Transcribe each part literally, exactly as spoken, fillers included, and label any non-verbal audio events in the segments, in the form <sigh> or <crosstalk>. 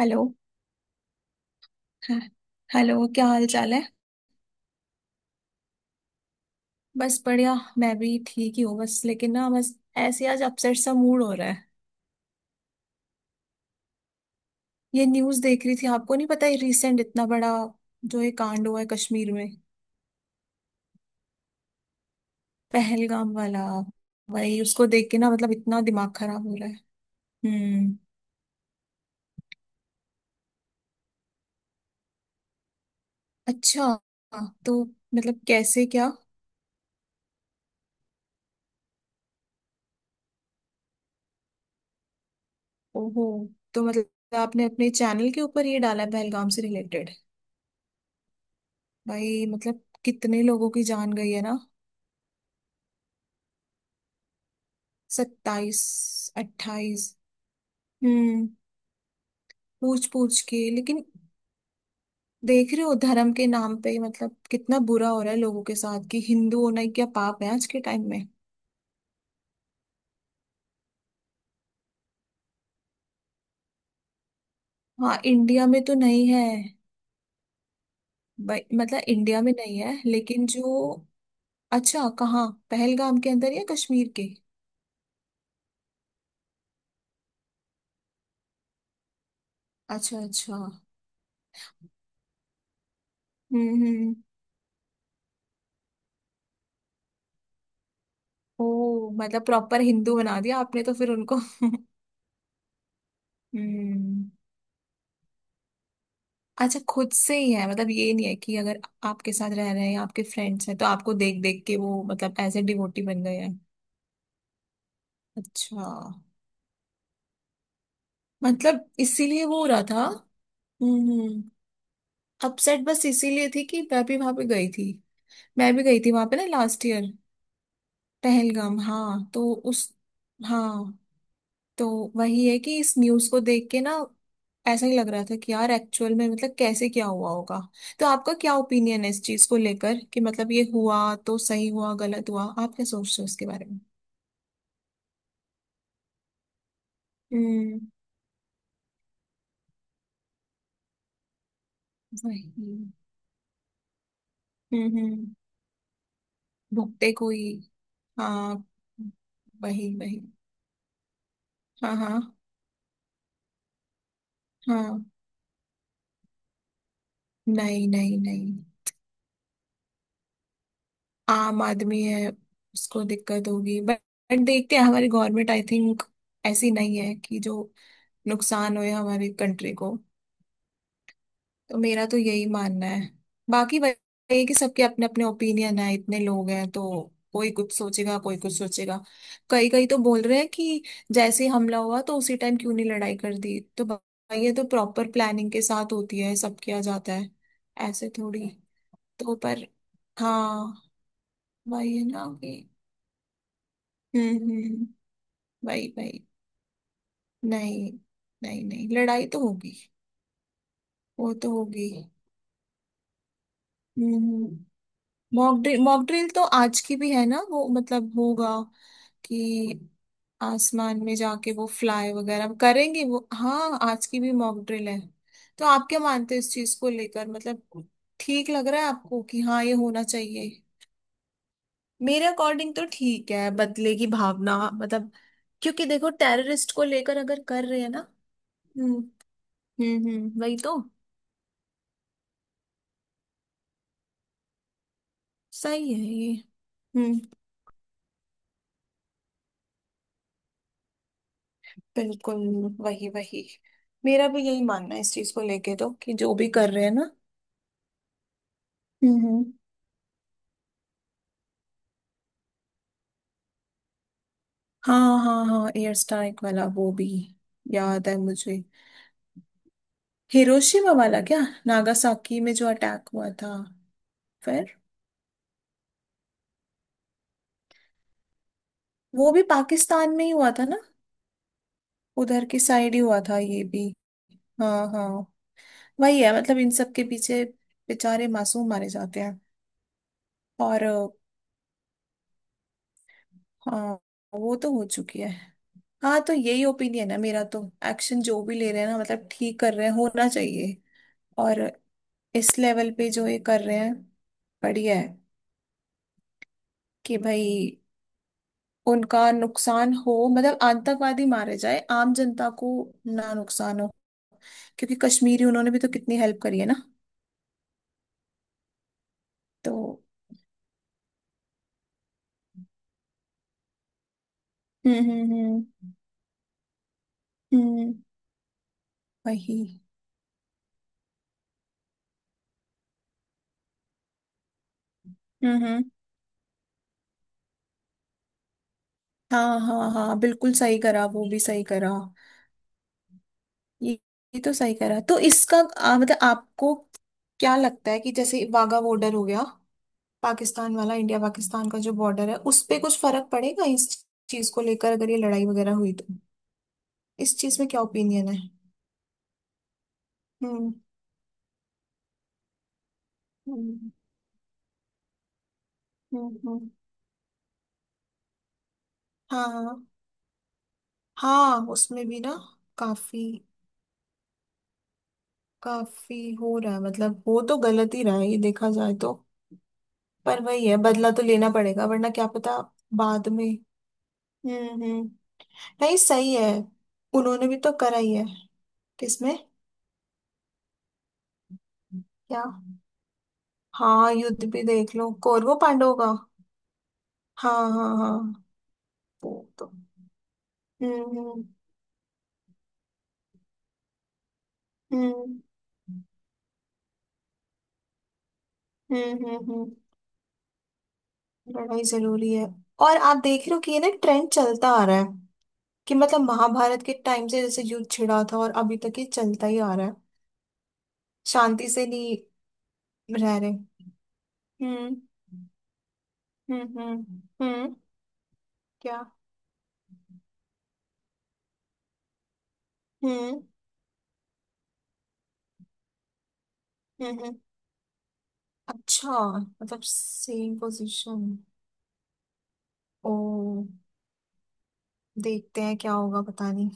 Hello. हाँ, hello, क्या हाल चाल है। बस बढ़िया, मैं भी ठीक ही हूँ। बस लेकिन ना, बस ऐसे ही आज अपसेट सा मूड हो रहा है। ये न्यूज़ देख रही थी, आपको नहीं पता, ये रिसेंट इतना बड़ा जो ये कांड हुआ है कश्मीर में। पहलगाम वाला। भाई उसको देख के ना, मतलब इतना दिमाग खराब हो रहा है। हम्म। अच्छा। तो मतलब कैसे क्या? ओहो। तो मतलब आपने अपने चैनल के ऊपर ये डाला है पहलगाम से रिलेटेड? भाई मतलब कितने लोगों की जान गई है ना। सत्ताईस। अट्ठाईस। हम्म। पूछ पूछ के, लेकिन देख रहे हो धर्म के नाम पे मतलब कितना बुरा हो रहा है लोगों के साथ, कि हिंदू होना ही क्या पाप है आज के टाइम में। हाँ इंडिया में तो नहीं है। ब- मतलब इंडिया में नहीं है, लेकिन जो। अच्छा, कहाँ, पहलगाम के अंदर या कश्मीर के? अच्छा अच्छा। हम्म हम्म। ओ मतलब प्रॉपर हिंदू बना दिया आपने तो फिर उनको <laughs> हम्म। अच्छा, खुद से ही है, मतलब ये नहीं है कि अगर आपके साथ रह रहे हैं या आपके फ्रेंड्स हैं तो आपको देख देख के वो मतलब एज ए डिवोटी बन गए हैं। अच्छा। मतलब इसीलिए वो हो रहा था। हम्म। अपसेट बस इसीलिए थी कि मैं भी वहां पे गई थी। मैं भी गई थी वहां पे ना लास्ट ईयर। पहलगाम हाँ, तो उस। हाँ। तो वही है कि इस न्यूज को देख के ना ऐसा ही लग रहा था कि यार एक्चुअल में मतलब कैसे क्या हुआ होगा। तो आपका क्या ओपिनियन है इस चीज को लेकर, कि मतलब ये हुआ तो सही हुआ गलत हुआ, आप क्या सोचते हो इसके बारे में? हम्म। वही। हम्म हम्म। भुट्टे कोई। हाँ। वही वही। हाँ हाँ हाँ। नहीं नहीं नहीं। आम आदमी है, उसको दिक्कत होगी, बट देखते हैं, हमारी गवर्नमेंट आई थिंक ऐसी नहीं है कि जो नुकसान हो हमारी कंट्री को। तो मेरा तो यही मानना है। बाकी वही है कि सबके अपने अपने ओपिनियन है, इतने लोग हैं तो कोई कुछ सोचेगा कोई कुछ सोचेगा। कई कई तो बोल रहे हैं कि जैसे ही हमला हुआ तो उसी टाइम क्यों नहीं लड़ाई कर दी, तो भाई ये तो प्रॉपर प्लानिंग के साथ होती है, सब किया जाता है, ऐसे थोड़ी। तो पर हाँ, वही है ना कि। हम्म हम्म हम्म, वही वही। नहीं नहीं नहीं, लड़ाई तो होगी, वो तो होगी। हम्म हम्म। मॉक ड्रिल, मॉक ड्रिल तो आज की भी है ना, वो मतलब होगा कि आसमान में जाके वो फ्लाई वगैरह करेंगे, वो हाँ आज की भी मॉक ड्रिल है। तो आप क्या मानते हो इस चीज को लेकर, मतलब ठीक लग रहा है आपको कि हाँ ये होना चाहिए? मेरे अकॉर्डिंग तो ठीक है, बदले की भावना मतलब, क्योंकि देखो टेररिस्ट को लेकर अगर कर रहे हैं ना। हम्म हम्म हम्म, वही तो। सही है ये। हम्म। बिल्कुल। वही वही। मेरा भी यही मानना है इस चीज को लेके, तो कि जो भी कर रहे हैं ना। हम्म हम्म। हाँ हाँ हाँ, एयर स्ट्राइक वाला वो भी याद है मुझे। हिरोशिमा वाला क्या, नागासाकी में जो अटैक हुआ था? फिर। वो भी पाकिस्तान में ही हुआ था ना, उधर की साइड ही हुआ था ये भी। हाँ हाँ। वही है, मतलब इन सब के पीछे बेचारे मासूम मारे जाते हैं। और अ, हाँ वो तो हो चुकी है। हाँ तो यही ओपिनियन है मेरा तो, एक्शन जो भी ले रहे हैं ना, मतलब ठीक कर रहे हैं, होना चाहिए। और इस लेवल पे जो ये कर रहे हैं, बढ़िया है कि भाई उनका नुकसान हो, मतलब आतंकवादी मारे जाए, आम जनता को ना नुकसान हो। क्योंकि कश्मीरी, उन्होंने भी तो कितनी हेल्प करी है ना। तो हम्म हम्म हम्म हम्म, वही। हम्म हम्म। हाँ हाँ हाँ, बिल्कुल सही करा, वो भी सही करा। ये ये तो सही करा। तो इसका आ, मतलब आपको क्या लगता है, कि जैसे वाघा बॉर्डर हो गया, पाकिस्तान वाला, इंडिया पाकिस्तान का जो बॉर्डर है उस पे कुछ फर्क पड़ेगा इस चीज को लेकर, अगर ये लड़ाई वगैरह हुई तो? इस चीज में क्या ओपिनियन है? हम्म हम्म हम्म हम्म, हाँ। हाँ उसमें भी ना काफी, काफी हो रहा है, मतलब हो तो गलत ही रहा है ये देखा जाए तो। पर वही है, बदला तो लेना पड़ेगा वरना क्या पता बाद में। हम्म हम्म। नहीं सही है, उन्होंने भी तो करा ही है। किसमें? क्या? हाँ युद्ध भी देख लो, कौरवों पांडवों का। हाँ हाँ हाँ, वो तो। हम्म हम्म हम्म हम्म हम्म हम्म, लड़ाई जरूरी है। और आप देख रहे हो कि ये ना ट्रेंड चलता आ रहा है, कि मतलब महाभारत के टाइम से जैसे युद्ध छिड़ा था और अभी तक ये चलता ही आ रहा है, शांति से नहीं रह रहे। हम्म हम्म हम्म हम्म, क्या? हम्म हम्म। हम्म। अच्छा, मतलब सेम पोजीशन। ओ। देखते हैं क्या होगा, पता नहीं।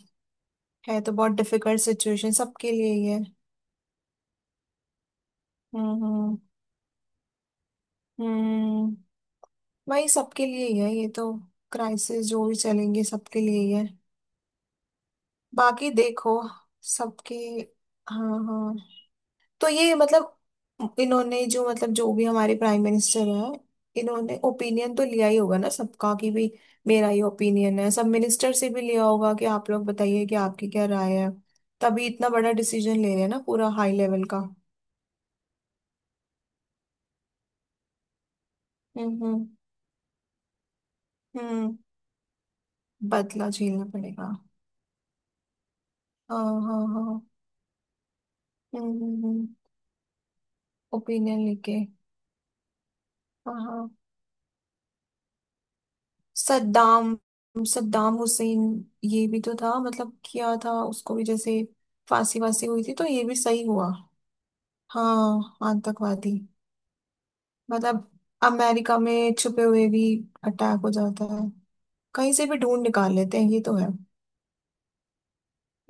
है तो बहुत डिफिकल्ट सिचुएशन सबके लिए ही है। हम्म हम्म। हम्म। भाई सबके लिए ही है ये तो, क्राइसिस जो भी चलेंगे सबके लिए ही है। बाकी देखो, सबके, हाँ हाँ। तो ये मतलब इन्होंने, जो मतलब जो भी हमारे प्राइम मिनिस्टर हैं, इन्होंने ओपिनियन तो लिया ही होगा ना सबका कि भी मेरा ये ओपिनियन है, सब मिनिस्टर से भी लिया होगा कि आप लोग बताइए कि आपकी क्या राय है। तभी इतना बड़ा डिसीजन ले रहे हैं ना, पूरा हाई लेवल का। हम्म हम्म हम्म, बदला झेलना पड़ेगा। हाँ हाँ हाँ। हम्म। ओपिनियन लेके। हाँ हाँ। सद्दाम। सद्दाम हुसैन, ये भी तो था मतलब, किया था उसको भी, जैसे फांसी वासी हुई थी, तो ये भी सही हुआ। हाँ आतंकवादी। मतलब अमेरिका में छुपे हुए भी अटैक हो जाता है, कहीं से भी ढूंढ निकाल लेते हैं, ये तो है।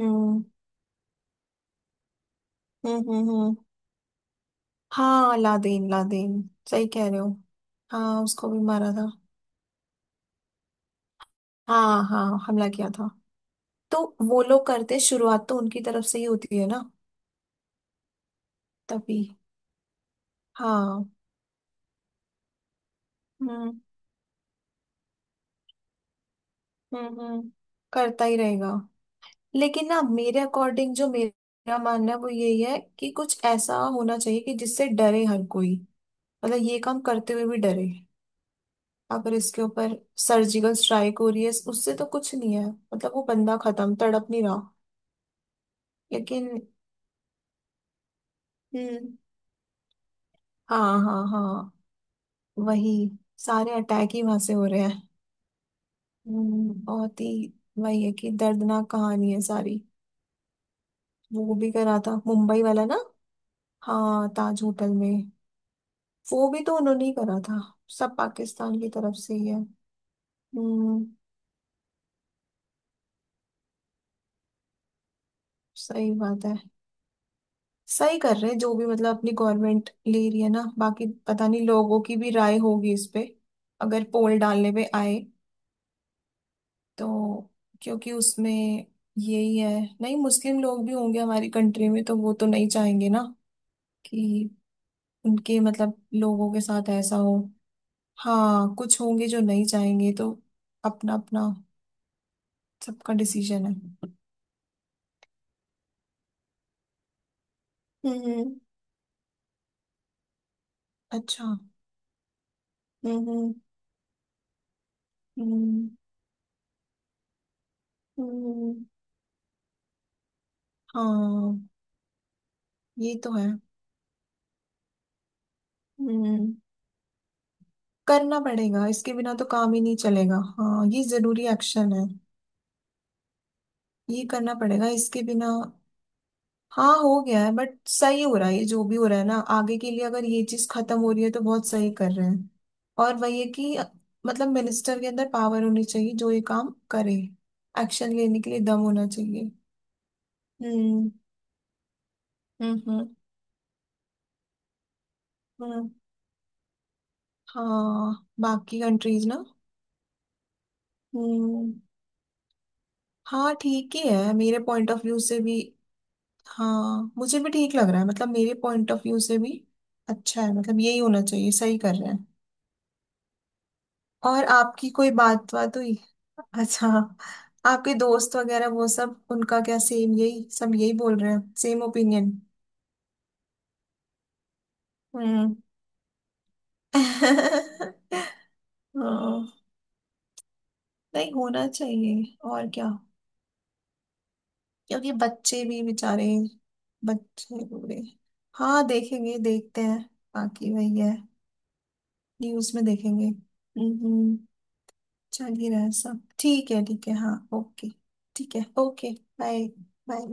हम्म हम्म हम्म हम्म। हाँ लादेन, लादेन। सही कह रहे हो, हाँ उसको भी मारा था। हाँ हाँ हमला किया था। तो वो लोग करते, शुरुआत तो उनकी तरफ से ही होती है ना, तभी। हाँ। हम्म हम्म हम्म, करता ही रहेगा। लेकिन ना, मेरे अकॉर्डिंग, जो मेरा मानना है वो यही है कि कुछ ऐसा होना चाहिए कि जिससे डरे हर कोई, मतलब ये काम करते हुए भी डरे। अगर इसके ऊपर सर्जिकल स्ट्राइक हो रही है, उससे तो कुछ नहीं है, मतलब वो बंदा खत्म, तड़प नहीं रहा। लेकिन। हम्म। हाँ हाँ हाँ। वही, सारे अटैक ही वहां से हो रहे हैं। हम्म, बहुत ही, वही है कि दर्दनाक कहानी है सारी। वो भी करा था मुंबई वाला ना, हाँ ताज होटल में। वो भी तो उन्होंने ही करा था, सब पाकिस्तान की तरफ से ही है। हम्म, सही बात है। सही कर रहे हैं जो भी मतलब अपनी गवर्नमेंट ले रही है ना, बाकी पता नहीं लोगों की भी राय होगी इस पे, अगर पोल डालने पे आए तो। क्योंकि उसमें, यही है, नहीं मुस्लिम लोग भी होंगे हमारी कंट्री में तो वो तो नहीं चाहेंगे ना कि उनके मतलब लोगों के साथ ऐसा हो। हाँ कुछ होंगे जो नहीं चाहेंगे, तो अपना अपना सबका डिसीजन है। हम्म। अच्छा। हम्म हम्म, हम्म, हाँ, ये तो है। हम्म। करना पड़ेगा, इसके बिना तो काम ही नहीं चलेगा, हाँ ये जरूरी एक्शन है। ये करना पड़ेगा इसके बिना। हाँ हो गया है, बट सही हो रहा है, ये जो भी हो रहा है ना आगे के लिए, अगर ये चीज खत्म हो रही है तो बहुत सही कर रहे हैं। और वही है कि मतलब मिनिस्टर के अंदर पावर होनी चाहिए, जो ये काम करे, एक्शन लेने के लिए दम होना चाहिए। हम्म हम्म हम्म हम्म, हाँ बाकी कंट्रीज ना। हम्म। हाँ ठीक ही है मेरे पॉइंट ऑफ व्यू से भी। हाँ मुझे भी ठीक लग रहा है, मतलब मेरे पॉइंट ऑफ व्यू से भी अच्छा है, मतलब यही होना चाहिए, सही कर रहे हैं। और आपकी कोई बात बात हुई? अच्छा, आपके दोस्त वगैरह वो सब उनका क्या, सेम यही सब यही बोल रहे हैं, सेम ओपिनियन? हम्म। <laughs> हाँ, नहीं होना चाहिए, और क्या। क्योंकि बच्चे भी बेचारे, बच्चे बुरे। हाँ देखेंगे, देखते हैं। बाकी वही है, न्यूज में देखेंगे। हम्म। चल ही रहा है, सब ठीक है, ठीक है, हाँ ओके। ठीक है, ओके। बाय। बाय।